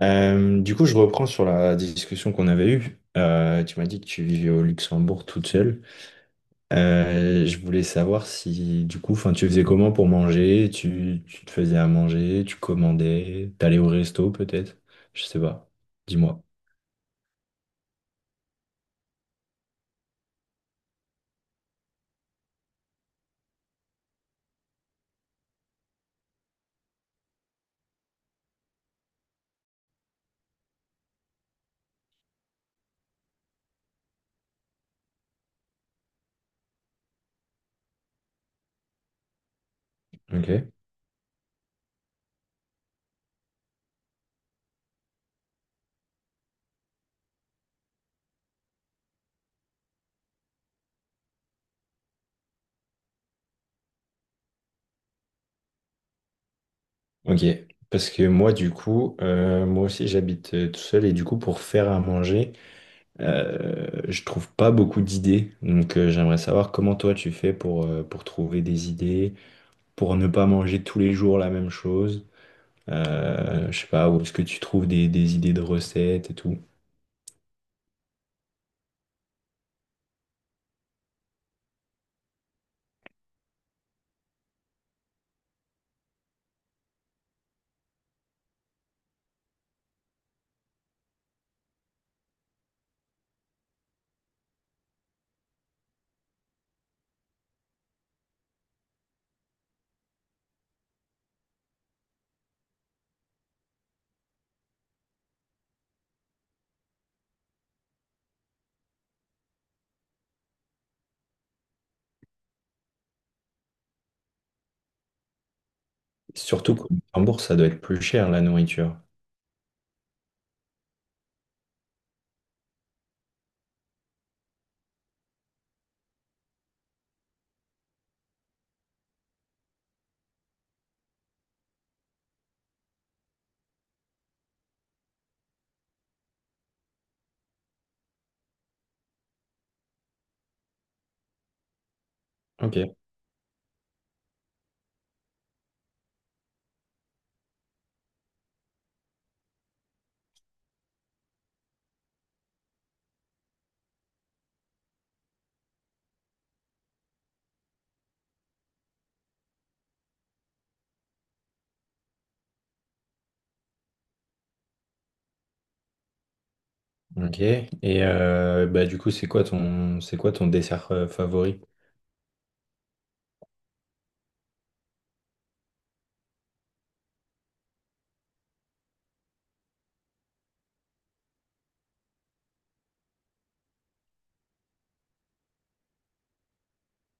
Je reprends sur la discussion qu'on avait eue. Tu m'as dit que tu vivais au Luxembourg toute seule. Je voulais savoir si, enfin, tu faisais comment pour manger? Tu te faisais à manger, tu commandais, t'allais au resto peut-être? Je sais pas. Dis-moi. Ok. Ok. Parce que moi, du coup, moi aussi, j'habite tout seul et du coup, pour faire à manger, je trouve pas beaucoup d'idées. Donc, j'aimerais savoir comment toi tu fais pour trouver des idées, pour ne pas manger tous les jours la même chose. Je sais pas, où est-ce que tu trouves des idées de recettes et tout. Surtout qu'en bourse, ça doit être plus cher la nourriture. Ok, ok. Et c'est quoi ton dessert favori?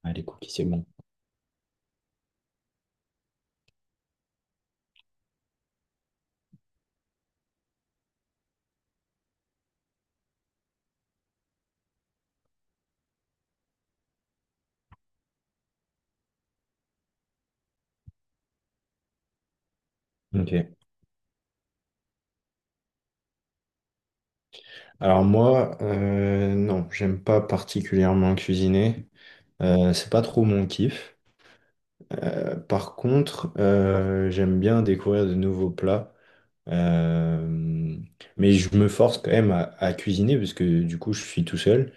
Ah, les cookies, c'est bon. Ok. Alors moi, non, j'aime pas particulièrement cuisiner. C'est pas trop mon kiff. Par contre, j'aime bien découvrir de nouveaux plats. Euh, mais je me force quand même à cuisiner parce que du coup je suis tout seul.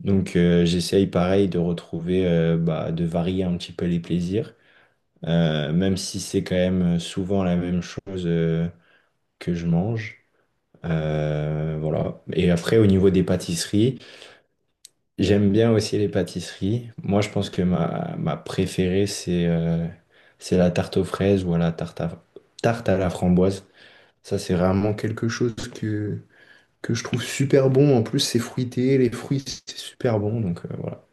Donc j'essaye pareil de retrouver, bah, de varier un petit peu les plaisirs. Même si c'est quand même souvent la même chose que je mange. Voilà. Et après au niveau des pâtisseries, j'aime bien aussi les pâtisseries. Moi je pense que ma préférée c'est la tarte aux fraises ou à la tarte à, tarte à la framboise. Ça c'est vraiment quelque chose que je trouve super bon. En plus, c'est fruité, les fruits, c'est super bon. Donc voilà.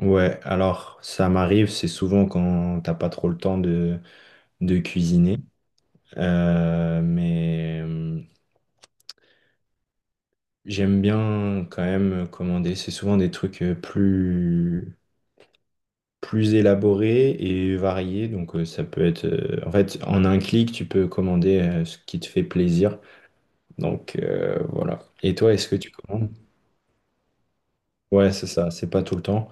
Ouais, alors ça m'arrive, c'est souvent quand t'as pas trop le temps de cuisiner. Mais j'aime bien quand même commander. C'est souvent des trucs plus, plus élaborés et variés. Donc ça peut être. En fait, en un clic, tu peux commander ce qui te fait plaisir. Donc voilà. Et toi, est-ce que tu commandes? Ouais, c'est ça, c'est pas tout le temps,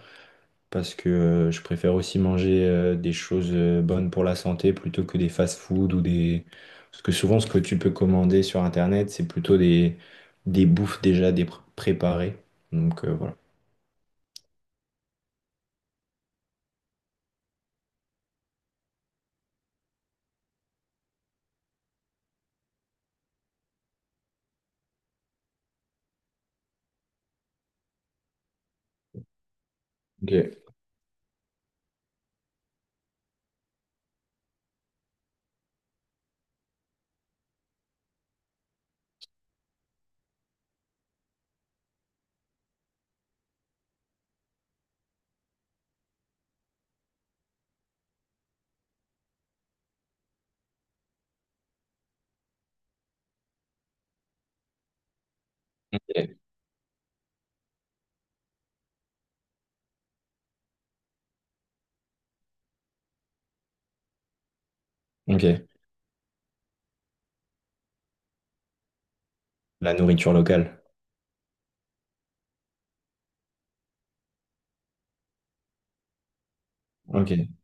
parce que je préfère aussi manger des choses bonnes pour la santé plutôt que des fast-food ou des... Parce que souvent, ce que tu peux commander sur Internet, c'est plutôt des bouffes déjà préparées. Donc voilà. Ok. Ok. Ok. La nourriture locale. Ok.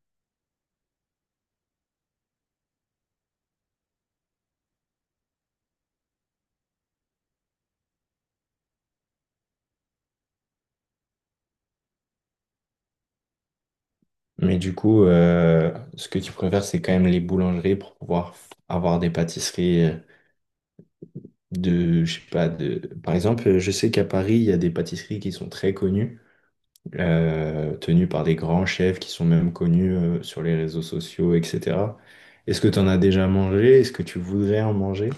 Mais du coup, ce que tu préfères, c'est quand même les boulangeries pour pouvoir avoir des pâtisseries de, je sais pas, de... Par exemple, je sais qu'à Paris, il y a des pâtisseries qui sont très connues, tenus par des grands chefs qui sont même connus sur les réseaux sociaux, etc. Est-ce que tu en as déjà mangé? Est-ce que tu voudrais en manger?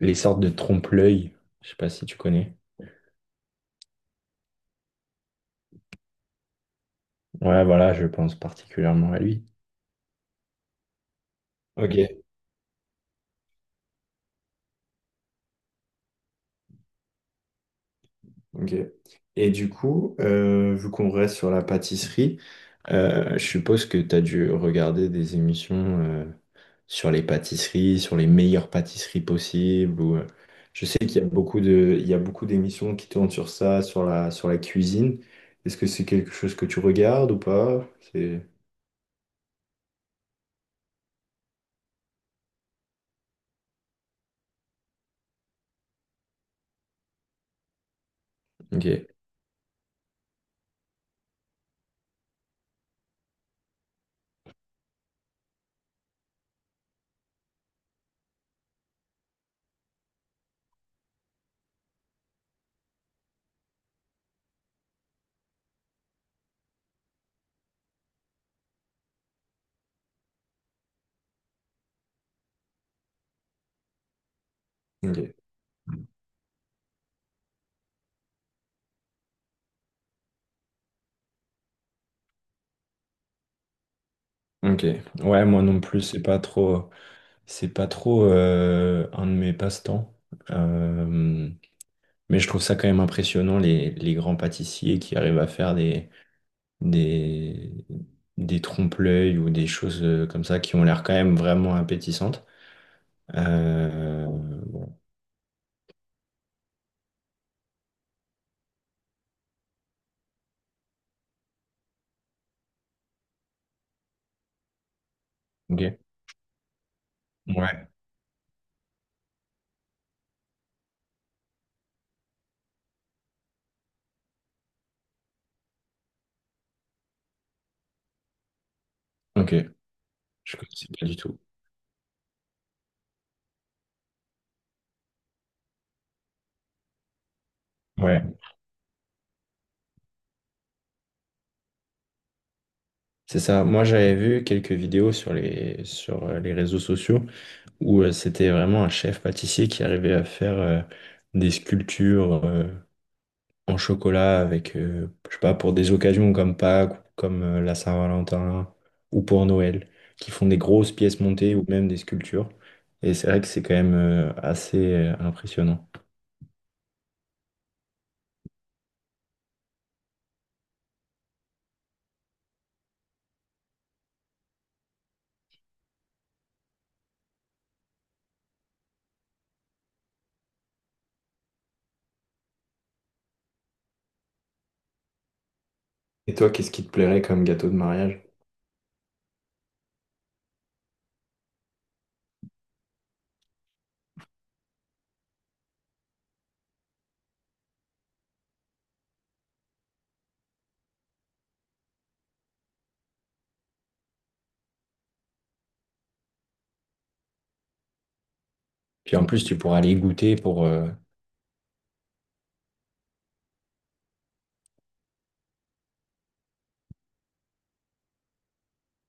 Les sortes de trompe-l'œil, je sais pas si tu connais. Ouais, voilà, je pense particulièrement à lui. Ok. Ok. Et du coup, vu qu'on reste sur la pâtisserie, je suppose que tu as dû regarder des émissions euh, sur les pâtisseries, sur les meilleures pâtisseries possibles. Ou, je sais qu'il y a beaucoup de, il y a beaucoup d'émissions qui tournent sur ça, sur la cuisine. Est-ce que c'est quelque chose que tu regardes ou pas? C'est... Ok. Ok. Ok. Ouais, moi non plus, c'est pas trop un de mes passe-temps. Euh, Mais je trouve ça quand même impressionnant, les grands pâtissiers qui arrivent à faire des, des trompe-l'œil ou des choses comme ça qui ont l'air quand même vraiment appétissantes. Euh, ok. Ouais. Ok. Je connaissais pas du tout. Ouais. C'est ça. Moi, j'avais vu quelques vidéos sur les réseaux sociaux où c'était vraiment un chef pâtissier qui arrivait à faire des sculptures en chocolat avec, je sais pas, pour des occasions comme Pâques, ou comme la Saint-Valentin ou pour Noël, qui font des grosses pièces montées ou même des sculptures. Et c'est vrai que c'est quand même assez impressionnant. Et toi, qu'est-ce qui te plairait comme gâteau de mariage? Puis en plus, tu pourras aller goûter pour,